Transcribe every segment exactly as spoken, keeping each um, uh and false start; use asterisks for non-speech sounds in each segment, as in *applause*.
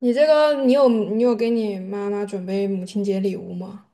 你这个，你有你有给你妈妈准备母亲节礼物吗？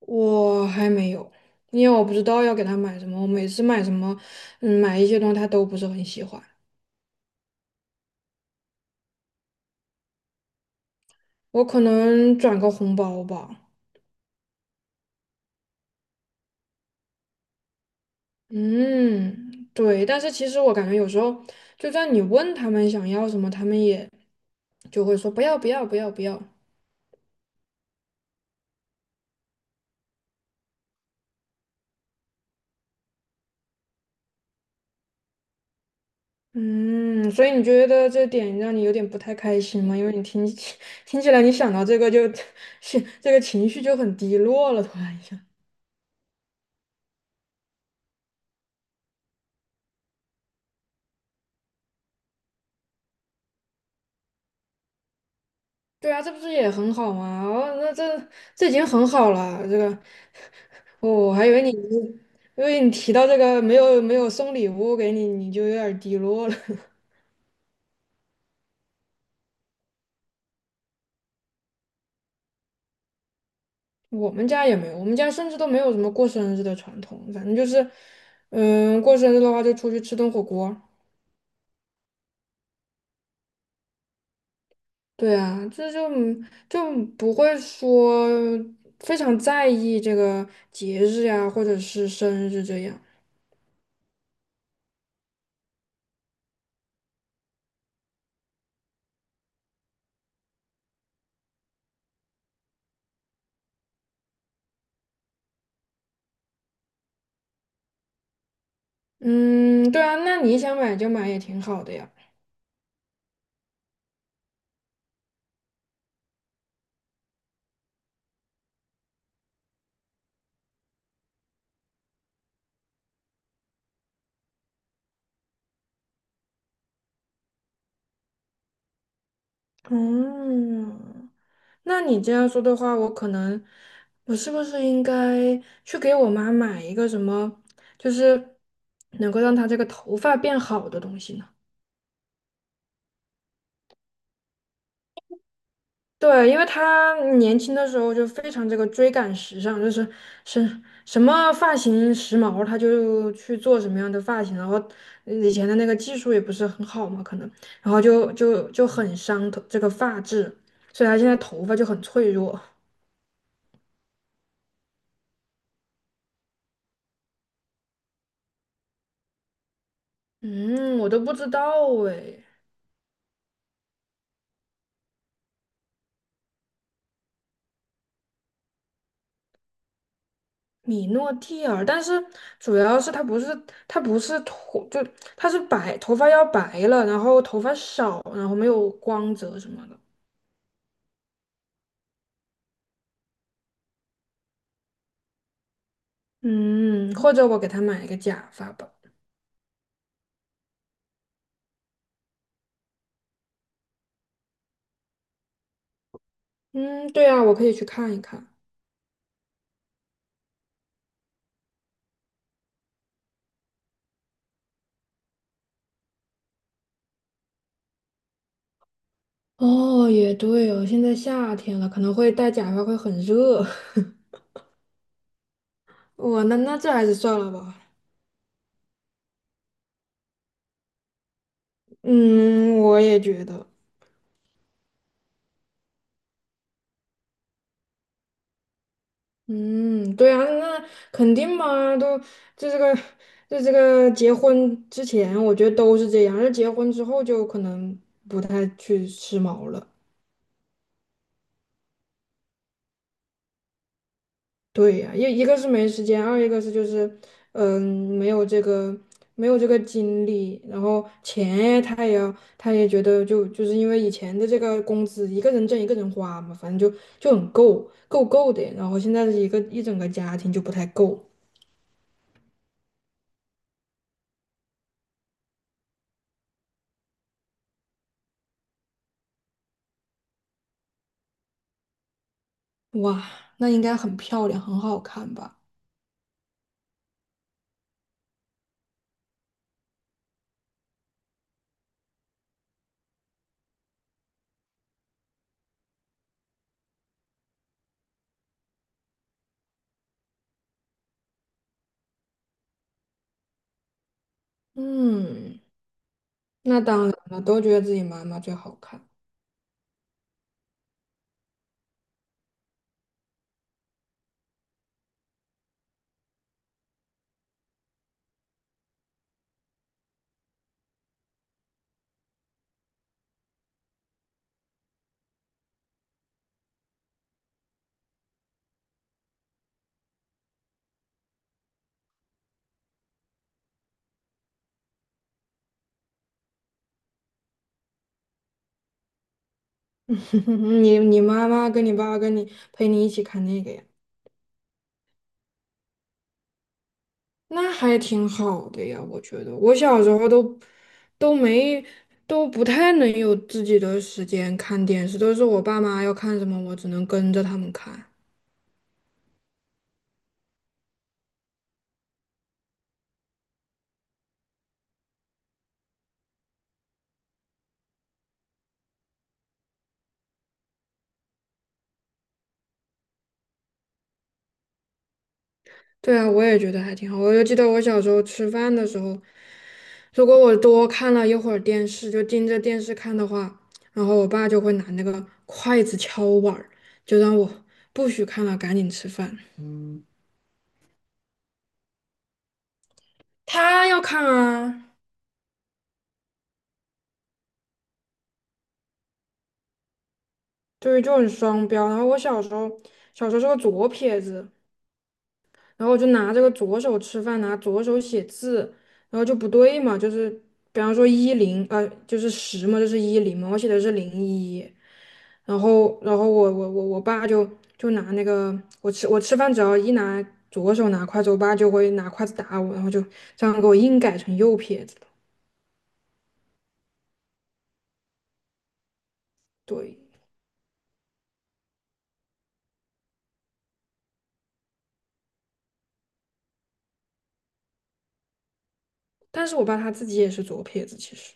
我还没有，因为我不知道要给她买什么。我每次买什么，嗯，买一些东西她都不是很喜欢。我可能转个红包吧。嗯，对。但是其实我感觉有时候，就算你问他们想要什么，他们也就会说不要不要不要不要。嗯，所以你觉得这点让你有点不太开心吗？因为你听起 *laughs* 听起来，你想到这个就 *laughs* 是这个情绪就很低落了，突然一下。对啊，这不是也很好吗？哦，那这这已经很好了。这个，哦，我还以为你，因为你提到这个没有没有送礼物给你，你就有点儿低落了。*laughs* 我们家也没有，我们家甚至都没有什么过生日的传统，反正就是，嗯，过生日的话就出去吃顿火锅。对啊，这就就不会说非常在意这个节日呀，或者是生日这样。嗯，对啊，那你想买就买也挺好的呀。嗯，那你这样说的话，我可能我是不是应该去给我妈买一个什么，就是能够让她这个头发变好的东西呢？对，因为他年轻的时候就非常这个追赶时尚，就是是什么发型时髦，他就去做什么样的发型，然后呃以前的那个技术也不是很好嘛，可能，然后就就就很伤头这个发质，所以他现在头发就很脆弱。嗯，我都不知道诶，米诺地尔，但是主要是它不是它不是头，就它是白，头发要白了，然后头发少，然后没有光泽什么的。嗯，或者我给他买一个假发吧。嗯，对啊，我可以去看一看。哦，也对哦，现在夏天了，可能会戴假发会很热。*laughs* 我那那这还是算了吧。嗯，我也觉得。嗯，对啊，那肯定嘛，都这这个这这个结婚之前，我觉得都是这样，而结婚之后就可能不太去时髦了。对呀，一一个是没时间，二一个是就是，嗯，没有这个没有这个精力，然后钱他也要，他也觉得就就是因为以前的这个工资一个人挣一个人花嘛，反正就就很够够够的，然后现在的一个一整个家庭就不太够，哇，那应该很漂亮，很好看吧？嗯，那当然了，都觉得自己妈妈最好看，*laughs* 你你妈妈跟你爸爸跟你陪你一起看那个呀。那还挺好的呀，我觉得我小时候都都没都不太能有自己的时间看电视，都是我爸妈要看什么，我只能跟着他们看。对啊，我也觉得还挺好。我就记得我小时候吃饭的时候，如果我多看了一会儿电视，就盯着电视看的话，然后我爸就会拿那个筷子敲碗儿，就让我不许看了，赶紧吃饭。他要看啊，对，就很双标。然后我小时候小时候是个左撇子。然后我就拿这个左手吃饭，拿左手写字，然后就不对嘛，就是比方说一零，呃，就是十嘛，就是一零嘛，我写的是零一，然后然后我我我我爸就就拿那个我吃我吃饭只要一拿左手拿筷子，我爸就会拿筷子打我，然后就这样给我硬改成右撇子了。对，但是我爸他自己也是左撇子，其实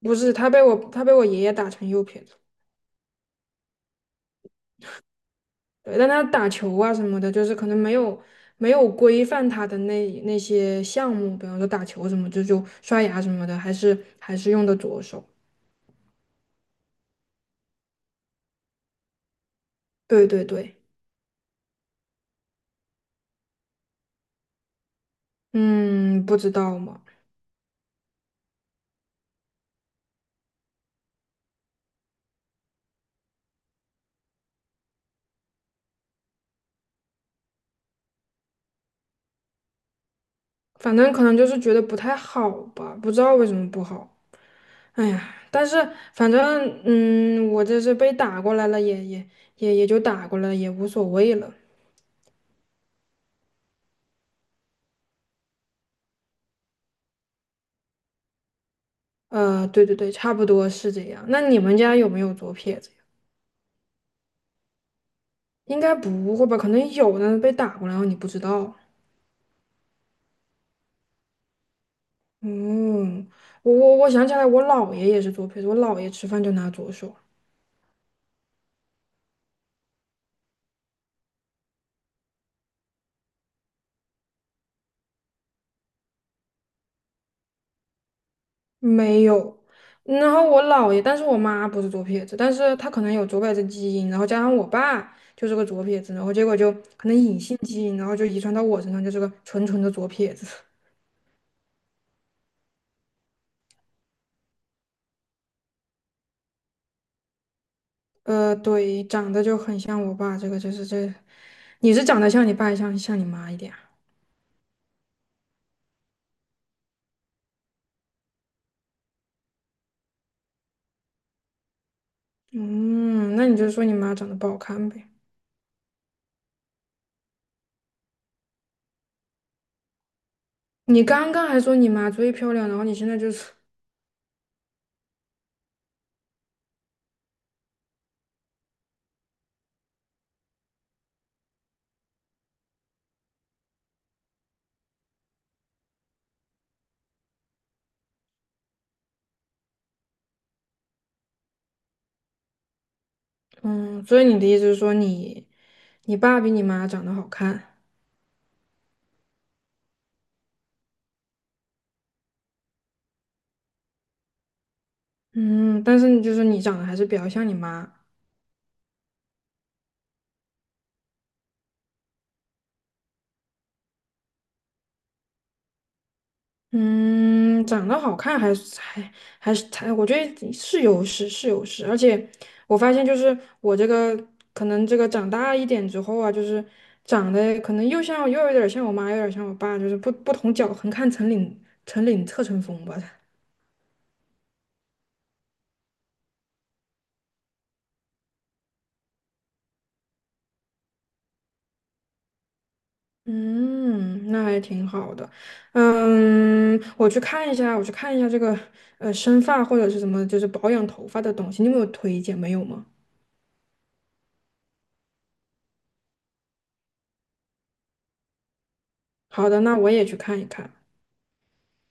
不是，他被我他被我爷爷打成右撇子。对，但他打球啊什么的，就是可能没有没有规范他的那那些项目，比方说打球什么，就就刷牙什么的，还是还是用的左手。对对对，嗯，不知道嘛，反正可能就是觉得不太好吧，不知道为什么不好。哎呀，但是反正嗯，我这是被打过来了，也也也也就打过来了，也无所谓了。呃，对对对，差不多是这样。那你们家有没有左撇子？应该不会吧？可能有呢，被打过，然后你不知道。嗯，我我我想起来，我姥爷也是左撇子，我姥爷吃饭就拿左手，没有。然后我姥爷，但是我妈不是左撇子，但是她可能有左撇子基因，然后加上我爸就是个左撇子，然后结果就可能隐性基因，然后就遗传到我身上，就是个纯纯的左撇子。*laughs* 呃，对，长得就很像我爸，这个就是这，你是长得像你爸，像像你妈一点啊。嗯，那你就说你妈长得不好看呗。你刚刚还说你妈最漂亮，然后你现在就是，嗯，所以你的意思是说你你爸比你妈长得好看，嗯，但是你就是你长得还是比较像你妈，嗯，长得好看还是还还是还，我觉得是有势是有势，而且我发现就是我这个可能这个长大一点之后啊，就是长得可能又像又有点儿像我妈，又有点儿像我爸，就是不不同角横看成岭成岭侧成峰吧。嗯，那还挺好的。嗯，我去看一下，我去看一下这个呃生发或者是什么，就是保养头发的东西，你有没有推荐？没有吗？好的，那我也去看一看。